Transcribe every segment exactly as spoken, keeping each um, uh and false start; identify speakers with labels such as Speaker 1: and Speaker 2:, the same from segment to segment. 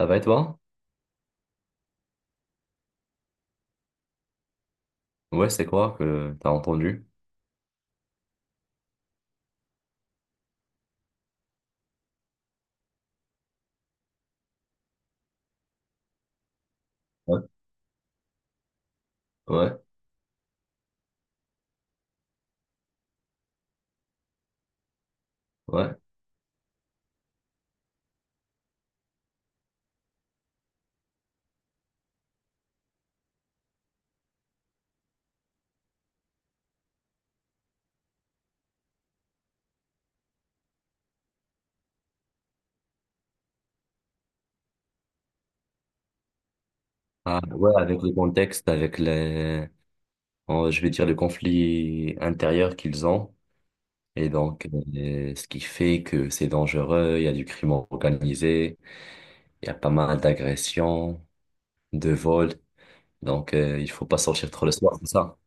Speaker 1: Ça va et toi? Ouais, c'est quoi que t'as entendu? Ouais, ouais, ouais. Ah ouais, avec le contexte, avec les, oh, je vais dire, le conflit intérieur qu'ils ont. Et donc, euh, ce qui fait que c'est dangereux, il y a du crime organisé, il y a pas mal d'agressions, de vols. Donc, euh, il faut pas sortir trop le soir, c'est ça.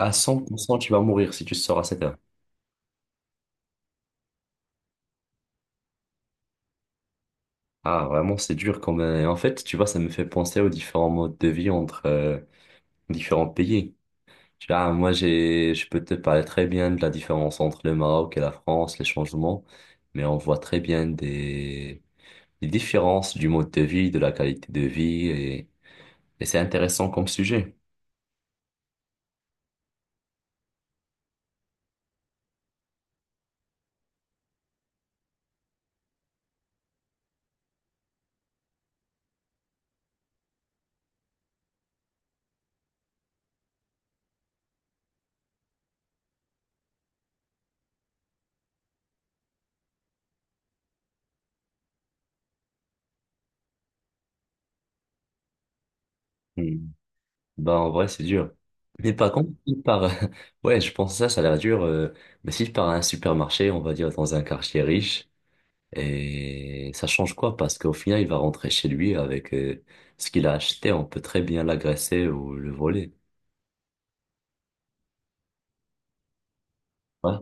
Speaker 1: À cent pour cent tu vas mourir si tu sors à sept heures. Ah, vraiment, c'est dur quand même. En fait, tu vois, ça me fait penser aux différents modes de vie entre euh, différents pays. Ah, moi, j'ai, je peux te parler très bien de la différence entre le Maroc et la France, les changements, mais on voit très bien des, des différences du mode de vie, de la qualité de vie, et, et c'est intéressant comme sujet. Hmm. Ben, en vrai, c'est dur. Mais par contre, si par, ouais, je pense que ça, ça a l'air dur, euh, mais si par un supermarché, on va dire dans un quartier riche, et ça change quoi? Parce qu'au final, il va rentrer chez lui avec, euh, ce qu'il a acheté, on peut très bien l'agresser ou le voler. Ouais.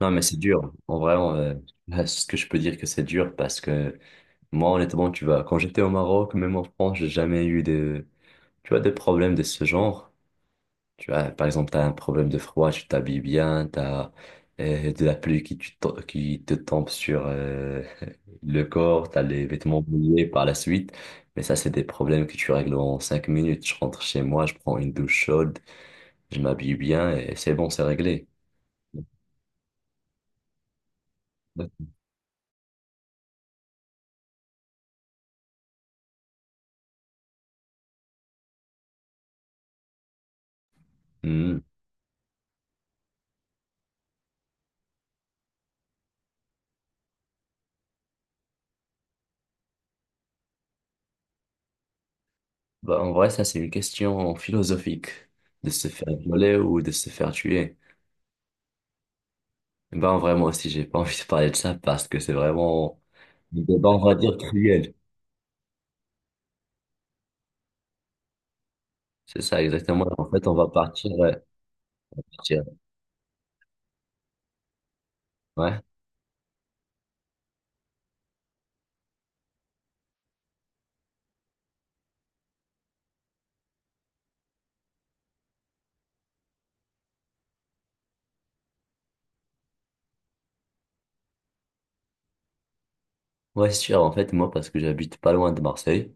Speaker 1: Non, mais c'est dur. En vrai, euh, là, ce que je peux dire que c'est dur parce que moi, honnêtement, tu vois, quand j'étais au Maroc, même en France, j'ai jamais eu de, tu vois, de problèmes de ce genre. Tu vois, par exemple, t'as un problème de froid, tu t'habilles bien, t'as euh, de la pluie qui, tu to- qui te tombe sur euh, le corps, t'as les vêtements mouillés par la suite. Mais ça, c'est des problèmes que tu règles en cinq minutes. Je rentre chez moi, je prends une douche chaude, je m'habille bien et c'est bon, c'est réglé. Mhm. Bah, en vrai, ça, c'est une question philosophique. De se faire violer ou de se faire tuer. Ben, en vrai, moi aussi, j'ai pas envie de parler de ça parce que c'est vraiment un débat, on va dire, cruel. C'est ça, exactement. En fait, on va partir. Ouais, partir. Ouais. Ouais, c'est sûr. En fait, moi, parce que j'habite pas loin de Marseille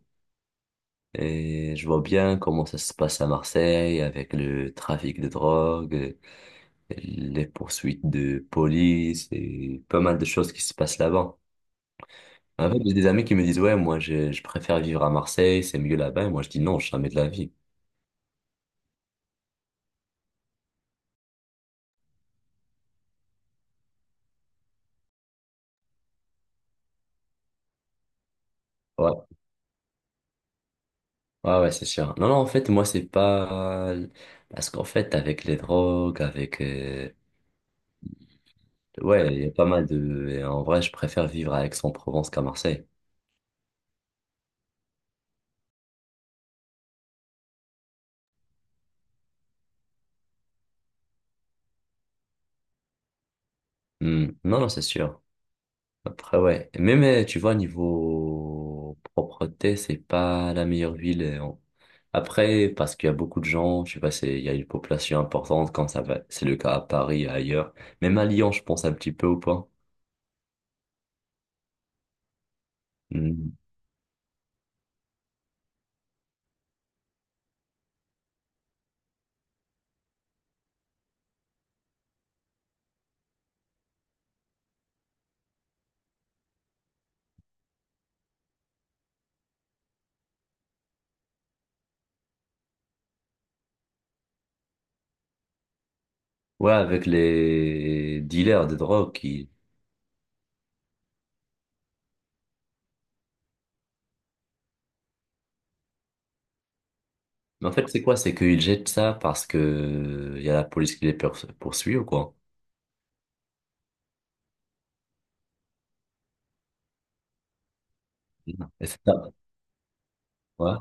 Speaker 1: et je vois bien comment ça se passe à Marseille avec le trafic de drogue, les poursuites de police et pas mal de choses qui se passent là-bas. En fait, j'ai des amis qui me disent, ouais, moi, je, je préfère vivre à Marseille, c'est mieux là-bas. Et moi, je dis non, jamais de la vie. Ouais, ouais, ouais, c'est sûr. Non, non, en fait, moi, c'est pas... Parce qu'en fait, avec les drogues, avec... euh, ouais, il y a pas mal de... et en vrai, je préfère vivre à Aix-en-Provence qu'à Marseille. Hmm. Non, non, c'est sûr. Après, ouais. Même, euh, tu vois, niveau propreté, c'est pas la meilleure ville. euh, en- Après, parce qu'il y a beaucoup de gens, je sais pas, c'est, il y a une population importante, comme ça va, c'est le cas à Paris et ailleurs. Même à Lyon, je pense un petit peu ou pas. Mhm. Ouais, avec les dealers de drogue qui... Mais en fait, c'est quoi? C'est qu'ils jettent ça parce que euh, il y a la police qui les pers- poursuit ou quoi? Non. Et c'est ça. Ouais.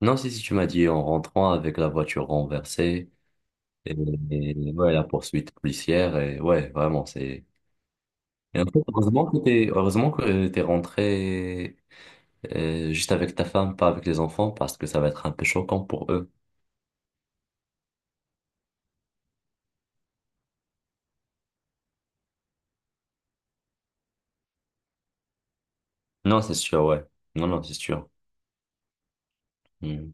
Speaker 1: Non, si, si tu m'as dit en rentrant avec la voiture renversée. Et, et ouais, la poursuite policière, et ouais, vraiment, c'est... Et en fait, heureusement que t'es, heureusement que t'es rentré euh, juste avec ta femme, pas avec les enfants, parce que ça va être un peu choquant pour eux. Non, c'est sûr, ouais. Non, non, c'est sûr. Hmm.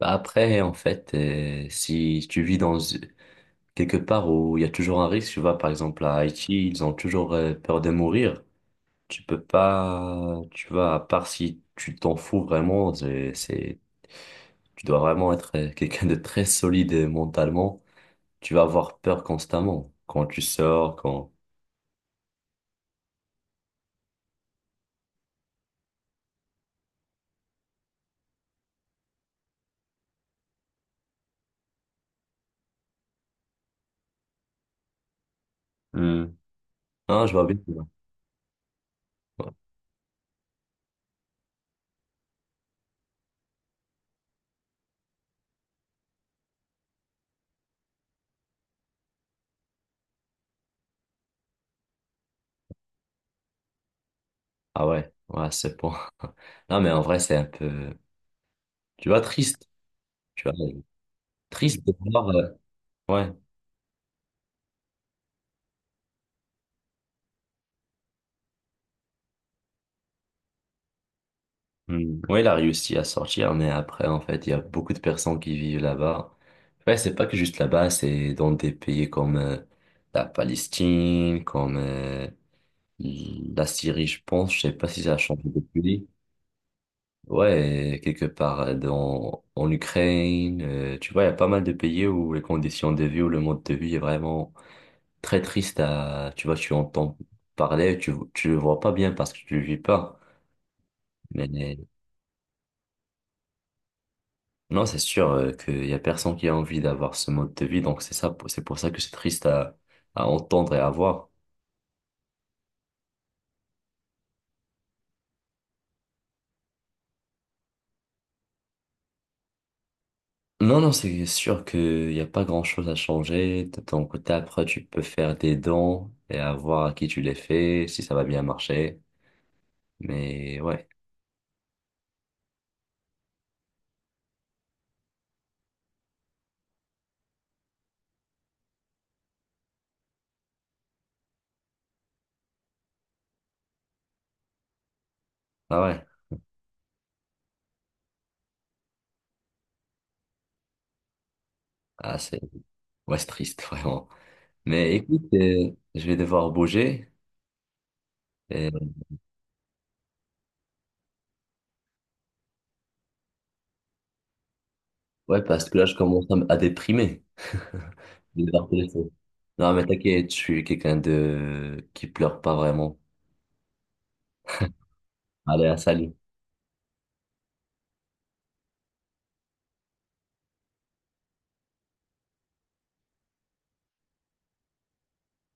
Speaker 1: Bah, après, en fait, euh, si tu vis dans quelque part où il y a toujours un risque, tu vois, par exemple à Haïti, ils ont toujours euh, peur de mourir. Tu peux pas, tu vois, à part si tu t'en fous vraiment, c'est, c'est- Tu dois vraiment être euh, quelqu'un de très solide euh, mentalement. Tu vas avoir peur constamment quand tu sors, quand... Hmm. Non, je vois bien. Ouais. Ah ouais, ouais, c'est bon. Non, mais en vrai, c'est un peu, tu vois, triste. Tu vois, euh, triste de voir. euh, Ouais. Hmm. Ouais, il a réussi à sortir, mais après, en fait, il y a beaucoup de personnes qui vivent là-bas. Ouais, c'est pas que juste là-bas, c'est dans des pays comme euh, la Palestine, comme euh, la Syrie, je pense. Je sais pas si ça a changé depuis. Ouais, quelque part euh, dans, en Ukraine, euh, tu vois, il y a pas mal de pays où les conditions de vie, où le mode de vie est vraiment très triste à, tu vois, tu entends parler, tu, tu le vois pas bien parce que tu le vis pas. Mais mais non, c'est sûr euh, qu'il y a personne qui a envie d'avoir ce mode de vie, donc c'est ça, c'est pour ça que c'est triste à, à entendre et à voir. Non, non, c'est sûr qu'il n'y a pas grand-chose à changer. De ton côté, après, tu peux faire des dons et à voir à qui tu les fais, si ça va bien marcher. Mais ouais. Ah ouais, ah, c'est ouais, c'est triste, vraiment. Mais écoute, euh, je vais devoir bouger. Et... Ouais, parce que là, je commence à, m- à déprimer. Je vais devoir te laisser. Non, mais t'inquiète, je suis quelqu'un de... qui pleure pas vraiment. Allez, à salut.